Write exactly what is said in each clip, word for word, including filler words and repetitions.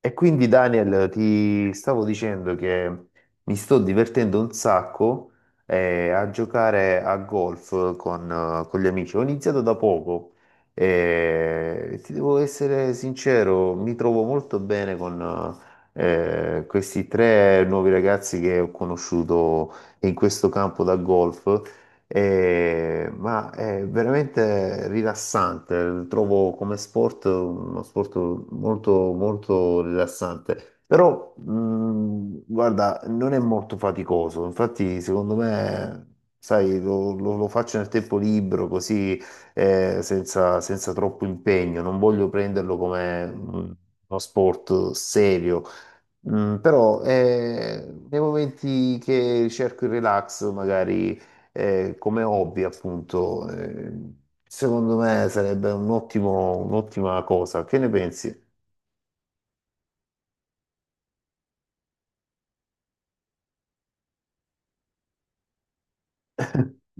E quindi Daniel, ti stavo dicendo che mi sto divertendo un sacco eh, a giocare a golf con, eh, con gli amici. Ho iniziato da poco eh, e ti devo essere sincero, mi trovo molto bene con eh, questi tre nuovi ragazzi che ho conosciuto in questo campo da golf eh, ma è veramente rilassante, trovo come sport uno sport molto, molto rilassante, però mh, guarda, non è molto faticoso. Infatti secondo me, sai, lo, lo- lo faccio nel tempo libero così eh, senza, senza troppo impegno, non voglio prenderlo come mh, uno sport serio. Mm, però eh, nei momenti che cerco il relax, magari eh, come hobby, appunto, eh, secondo me sarebbe un ottimo- un'ottima cosa. Che ne pensi?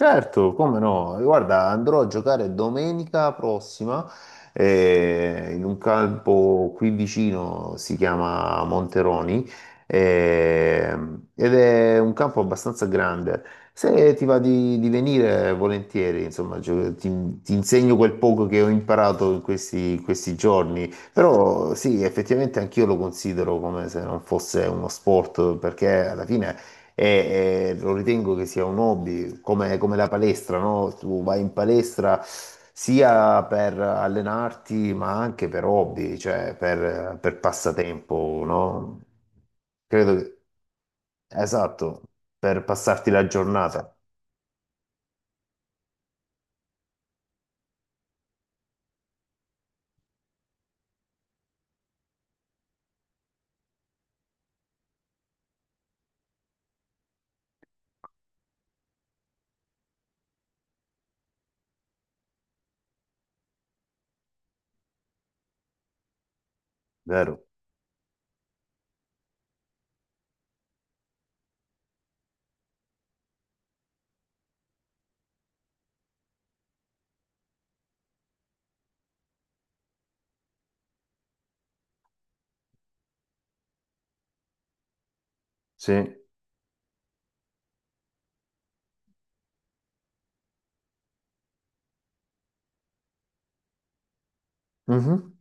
Certo, come no? Guarda, andrò a giocare domenica prossima eh, in un campo qui vicino, si chiama Monteroni, eh, ed è un campo abbastanza grande. Se ti va di, di venire, volentieri, insomma, gio- ti, ti insegno quel poco che ho imparato in questi, in questi giorni. Però sì, effettivamente anch'io lo considero come se non fosse uno sport, perché alla fine e, e lo ritengo che sia un hobby, come, come la palestra, no? Tu vai in palestra sia per allenarti, ma anche per hobby, cioè per, per passatempo, no? Credo che... Esatto, per passarti la giornata, vero? Sì. Mhm.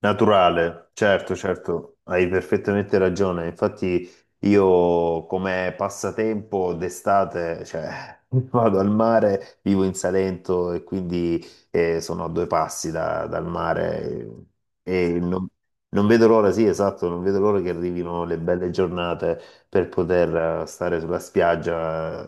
Naturale, certo, certo, hai perfettamente ragione. Infatti io come passatempo d'estate, cioè, vado al mare, vivo in Salento e quindi eh, sono a due passi da- dal mare e non, non vedo l'ora, sì, esatto, non vedo l'ora che arrivino le belle giornate per poter eh, stare sulla spiaggia,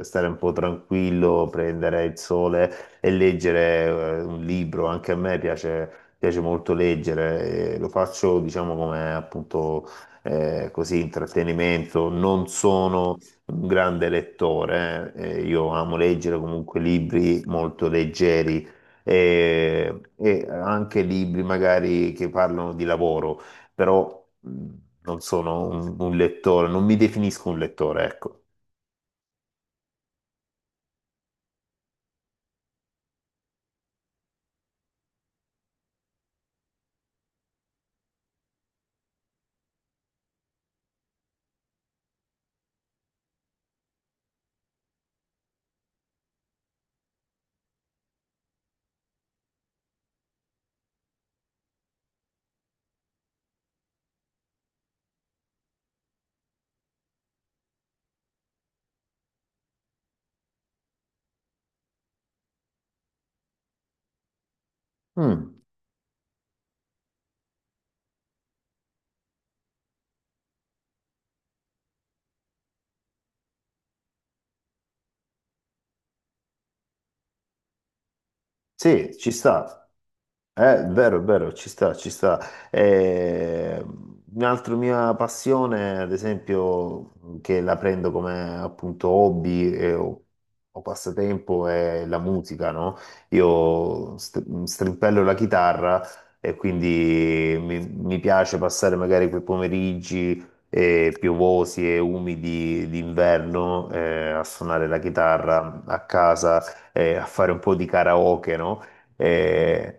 eh, stare un po' tranquillo, prendere il sole e leggere eh, un libro. Anche a me piace piace molto leggere, eh, lo faccio diciamo come appunto eh, così intrattenimento, non sono un grande lettore, eh, eh, io amo leggere comunque libri molto leggeri eh, e anche libri magari che parlano di lavoro, però mh, non sono un, un lettore, non mi definisco un lettore, ecco. Mm, sì, ci sta. Eh, vero, è vero, ci sta, ci sta. Eh, un'altra mia passione, ad esempio, che la prendo come appunto hobby eh, o, o passatempo, è la musica, no? Io st- strimpello la chitarra e quindi mi, mi piace passare magari quei pomeriggi eh, piovosi e umidi d'inverno eh, a suonare la chitarra a casa, eh, a fare un po' di karaoke, no? Mm. Eh,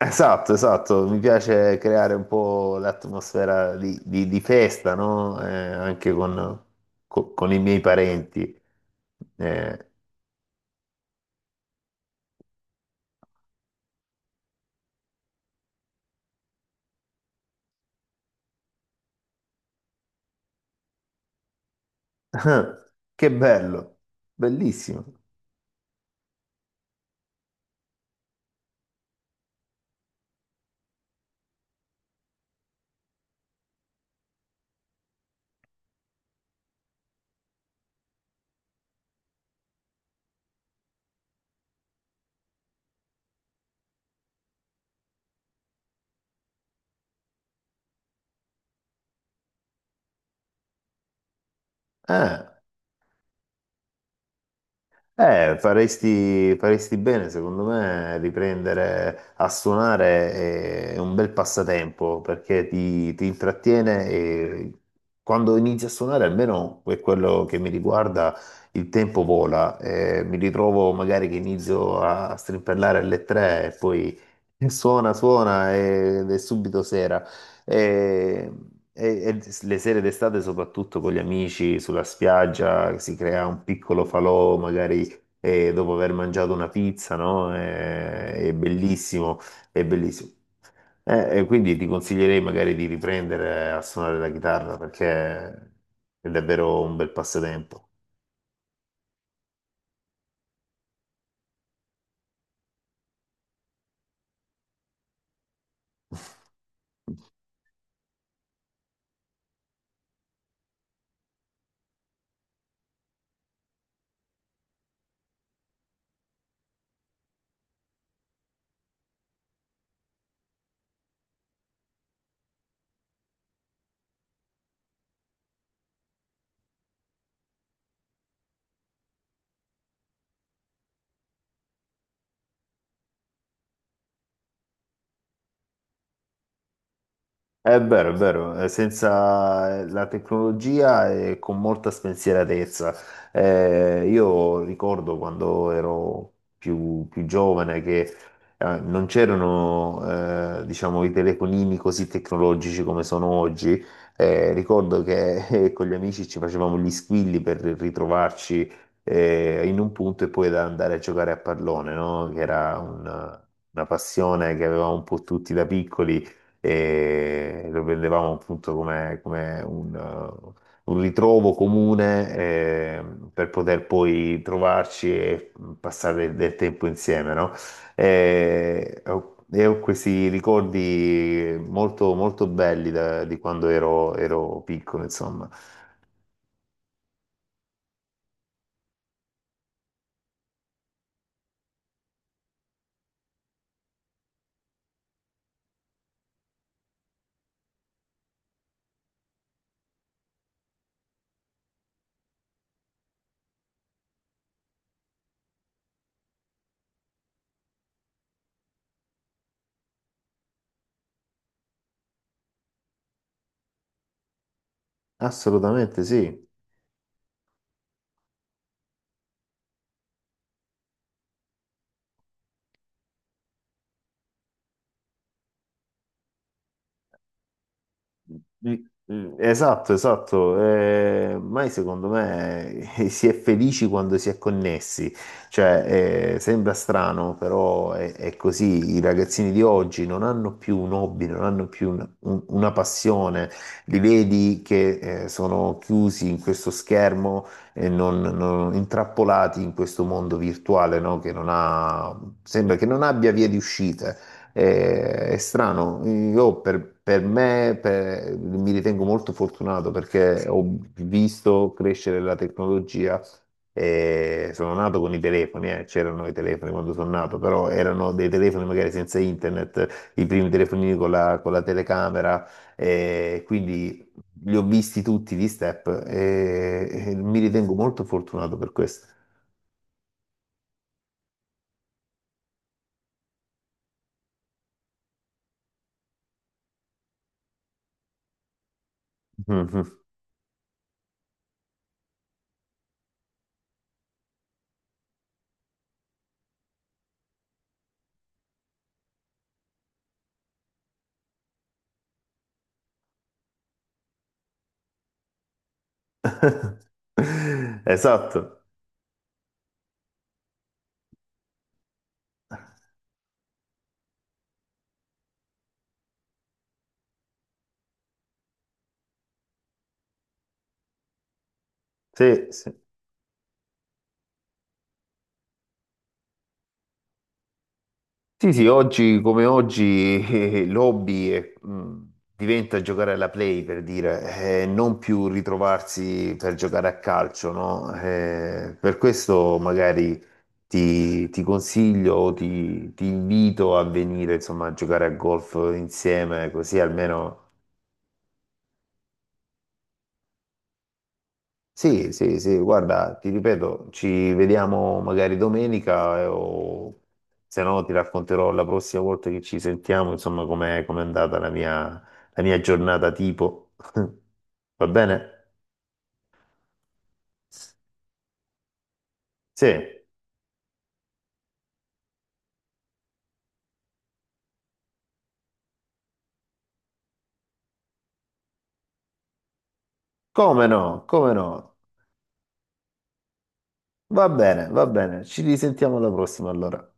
esatto, esatto, mi piace creare un po' l'atmosfera di, di- di festa, no? Eh, anche con, co- con i miei parenti. Eh, che bello, bellissimo. Eh. Eh, faresti, faresti bene, secondo me, riprendere a suonare è un bel passatempo perché ti, ti intrattiene e quando inizi a suonare, almeno per quello che mi riguarda, il tempo vola. Eh, mi ritrovo magari che inizio a strimpellare alle tre e poi suona, suona ed è subito sera. E, e- e le sere d'estate, soprattutto con gli amici sulla spiaggia, si crea un piccolo falò, magari e dopo aver mangiato una pizza, no? È, è bellissimo, è bellissimo. Eh, e quindi ti consiglierei magari di riprendere a suonare la chitarra perché è davvero un bel passatempo. È vero, è vero, eh, senza la tecnologia e con molta spensieratezza. Eh, io ricordo quando ero più, più giovane che eh, non c'erano eh, diciamo, i telefonini così tecnologici come sono oggi. Eh, ricordo che eh, con gli amici ci facevamo gli squilli per ritrovarci eh, in un punto e poi da andare a giocare a pallone, no? Che era una una passione che avevamo un po' tutti da piccoli e lo vedevamo appunto come, come un, eh, un ritrovo comune eh, per poter poi trovarci e mm, passare del tempo insieme, no? E, ho e ho questi ricordi molto, molto belli da- di quando ero, ero piccolo, insomma. Assolutamente sì. Mm, mm, esatto, esatto. Eh, ormai secondo me eh, si è felici quando si è connessi, cioè eh, sembra strano, però è, è così. I ragazzini di oggi non hanno più un hobby, non hanno più un- un- una passione, li vedi che eh, sono chiusi in questo schermo e non, non- intrappolati in questo mondo virtuale, no? Che non ha, sembra che non abbia vie di uscita. È, è strano, io per, per me per- mi ritengo molto fortunato perché ho visto crescere la tecnologia. E sono nato con i telefoni. Eh, c'erano i telefoni quando sono nato, però erano dei telefoni magari senza internet, i primi telefonini con la, con la telecamera, e quindi li ho visti tutti gli step e, e mi ritengo molto fortunato per questo. Mhm. Esatto, sì, sì. Sì, sì, oggi come oggi eh, l'hobby è, mh, diventa giocare alla play, per dire, eh, non più ritrovarsi per giocare a calcio, no? Eh, per questo magari ti, ti consiglio, o ti, ti invito a venire, insomma, a giocare a golf insieme, così almeno sì, sì, sì, guarda, ti ripeto, ci vediamo magari domenica eh, o se no ti racconterò la prossima volta che ci sentiamo, insomma, com'è com'è andata la mia, la mia giornata tipo. Va bene? Sì, come no, come no. Va bene, va bene, ci risentiamo alla prossima allora.